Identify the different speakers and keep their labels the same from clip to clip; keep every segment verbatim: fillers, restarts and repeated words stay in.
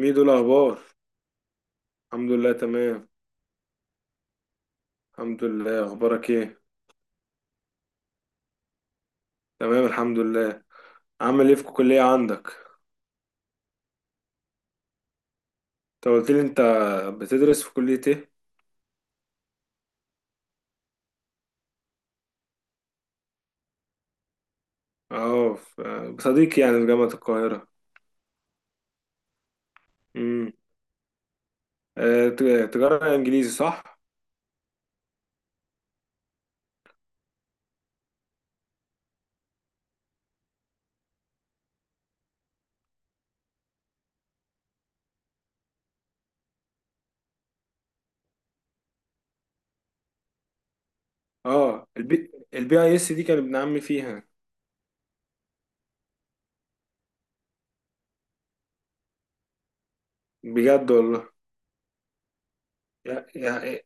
Speaker 1: ميدو، الأخبار. الحمد لله، تمام. الحمد لله، أخبارك إيه؟ تمام الحمد لله. عامل إيه في الكلية عندك؟ أنت قلت لي، أنت بتدرس في كلية إيه؟ أه في- بصديقي، يعني، في جامعة القاهرة. امم. آه، ت- تجارة إنجليزي، صح؟ أه، البي البي أي إس، دي كان ابن عمي فيها. بجد والله. يا، يا.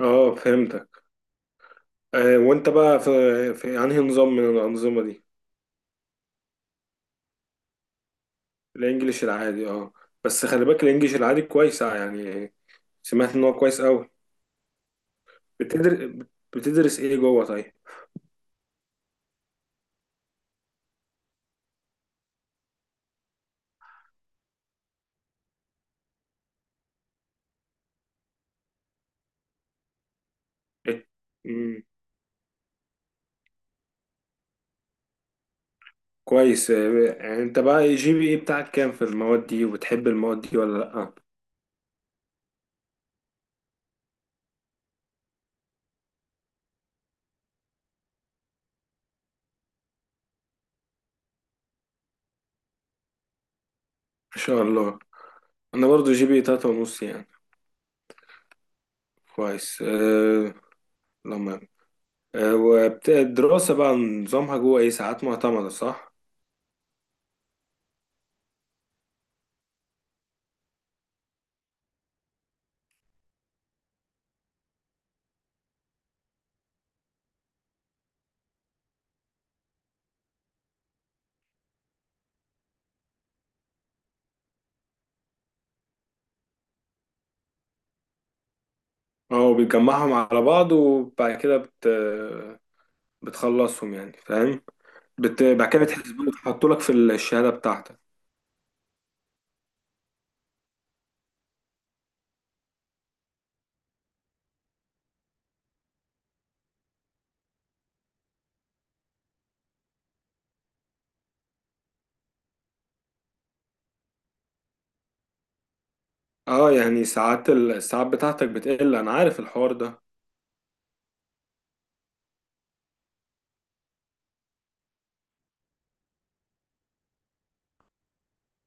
Speaker 1: أه، فهمتك. أه، وأنت بقى في في أنهي نظام من الأنظمة دي؟ الانجليش العادي، اه. بس خلي بالك الانجليش العادي كويس، آه، يعني، سمعت ان هو كويس قوي. بتدر... بتدرس ايه جوه، طيب؟ إيه؟ مم. كويس، آه، يعني، انت بقى جي بي اي بتاعك كام في المواد دي؟ وبتحب المواد دي ولا لا؟ ما شاء الله. انا برضو جي بي اي تلاتة ونص، يعني. كويس. أه... لما أه... وبت... الدراسة بقى نظامها جوه ايه، ساعات معتمدة، صح؟ اه، بتجمعهم على بعض، وبعد كده بت... بتخلصهم، يعني، فاهم. بت... بعد كده بتحسبوه وتحطوا لك في الشهادة بتاعتك. اه، يعني ساعات ال- الساعات بتاعتك بتقل. انا عارف الحوار ده.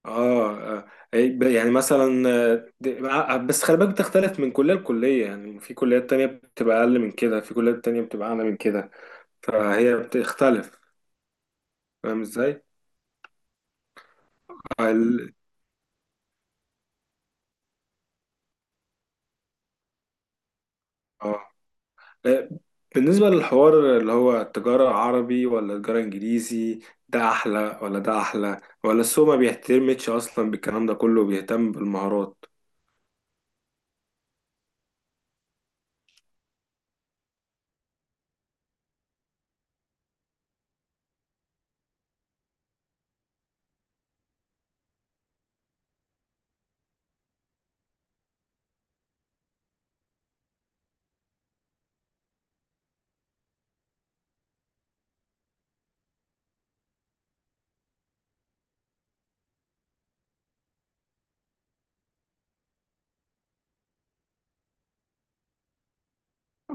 Speaker 1: اه. آه. أي- ب- يعني مثلا، آه، د- ع- بس خلي بالك، بتختلف من كلية لكلية، يعني في كليات تانية بتبقى أقل من كده، في كليات تانية بتبقى أعلى من كده. فهي بتختلف. فاهم ازاي؟ اه. ال- آه. آه، بالنسبة للحوار اللي هو التجارة عربي ولا التجارة إنجليزي، ده أحلى ولا ده أحلى، ولا السوق ما بيهتمش أصلا بالكلام ده كله، بيهتم بالمهارات؟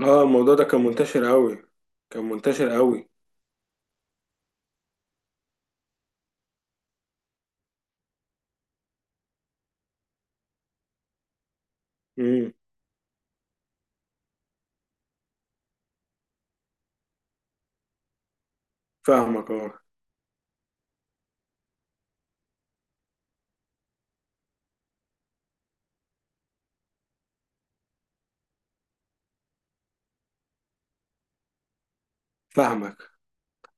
Speaker 1: اه، الموضوع ده كان منتشر قوي، كان منتشر قوي. امم. فاهمك، اه. فاهمك.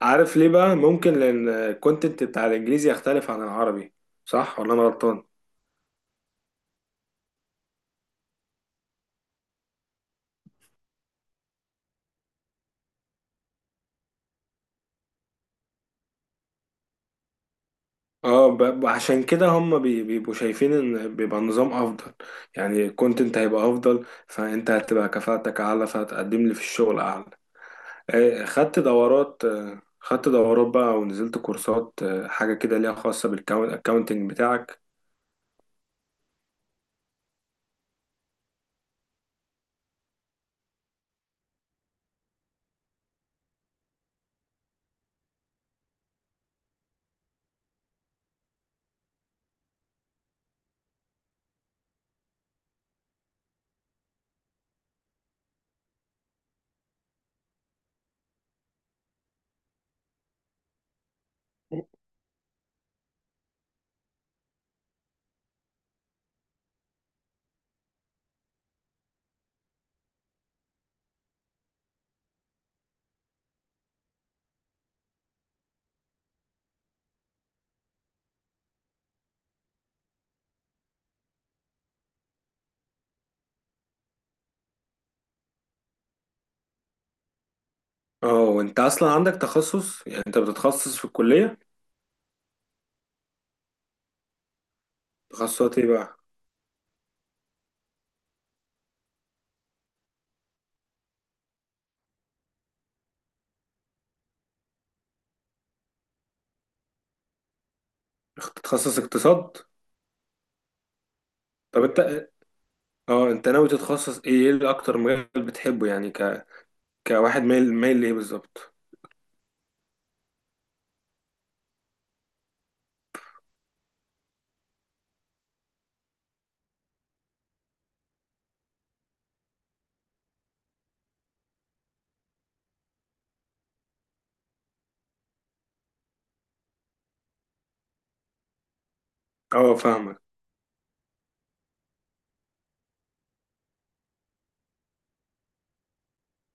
Speaker 1: عارف ليه بقى؟ ممكن لان الكونتنت بتاع الانجليزي يختلف عن العربي، صح ولا انا غلطان؟ اه، ب- عشان كده هم بي- بيبقوا شايفين ان بيبقى النظام افضل، يعني الكونتنت هيبقى افضل، فانت هتبقى كفاءتك اعلى، فهتقدم لي في الشغل اعلى. آه، خدت دورات آه، خدت دورات بقى، ونزلت كورسات، آه، حاجة كده ليها خاصة بالكاونتنج بتاعك؟ اه، وانت اصلا عندك تخصص؟ يعني انت بتتخصص في الكلية؟ تخصصات ايه بقى؟ تتخصص اقتصاد؟ طب انت اه انت ناوي تتخصص ايه ايه اللي اكتر مجال بتحبه، يعني، ك... كواحد مايل، مايل لايه بالظبط؟ اه، فاهمك.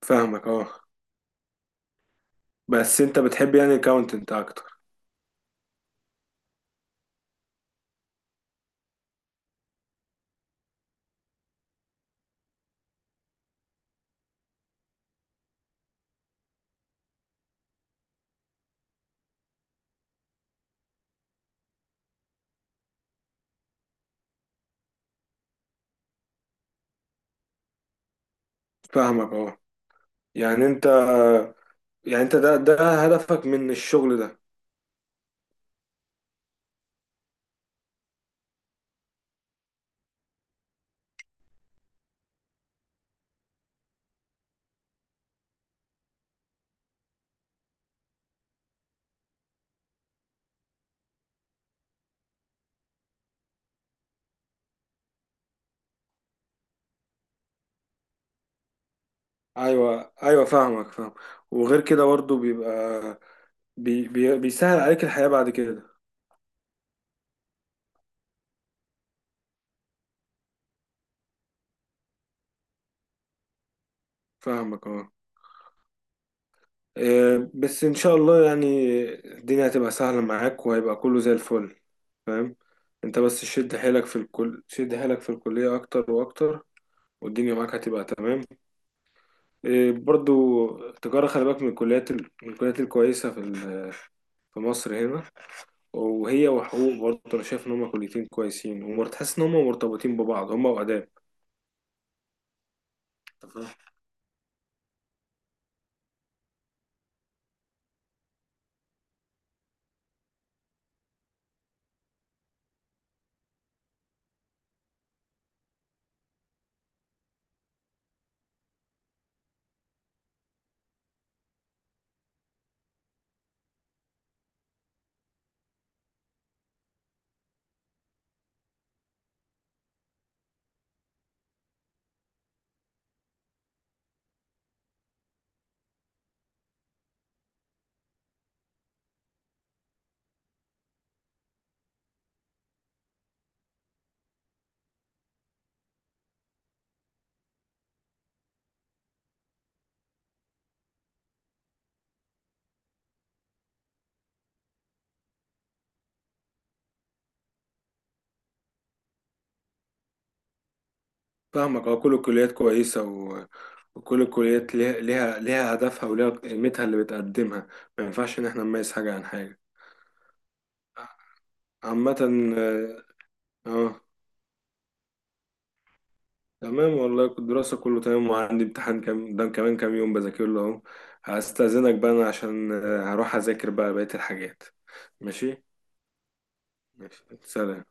Speaker 1: فاهمك، اه. بس انت بتحب، يعني، الاكاونتنت اكتر؟ فاهمك، اه. يعني انت يعني انت ده ده هدفك من الشغل ده؟ ايوه، ايوه، فاهمك، فاهم. وغير كده برضه بيبقى بي... بي... بيسهل عليك الحياة بعد كده. فاهمك، اه. آه، بس ان شاء الله، يعني، الدنيا هتبقى سهلة معاك، وهيبقى كله زي الفل. فاهم. انت بس شد حيلك في الكل، شد حيلك في الكلية اكتر واكتر. والدنيا معاك هتبقى تمام. آه، برضو التجارة، خلي بالك، من الكليات ال- من الكليات الكويسة في ال- في مصر هنا. وهي وحقوق برضو، انا شايف ان هما كليتين كويسين، وتحس ان هما مرتبطين ببعض، هما وآداب. فاهمك، اه. كل الكليات كويسة و... وكل الكليات ليها ليها ليها هدفها، وليها قيمتها اللي بتقدمها. ما ينفعش ان احنا نميز حاجة عن حاجة. عامة. اه. آه، تمام والله، كنت الدراسة كله تمام، وعندي امتحان كام ده كمان كام يوم بذاكر له اهو. هستأذنك بقى، انا عشان آه، هروح اذاكر بقى بقية الحاجات. ماشي. ماشي، سلام.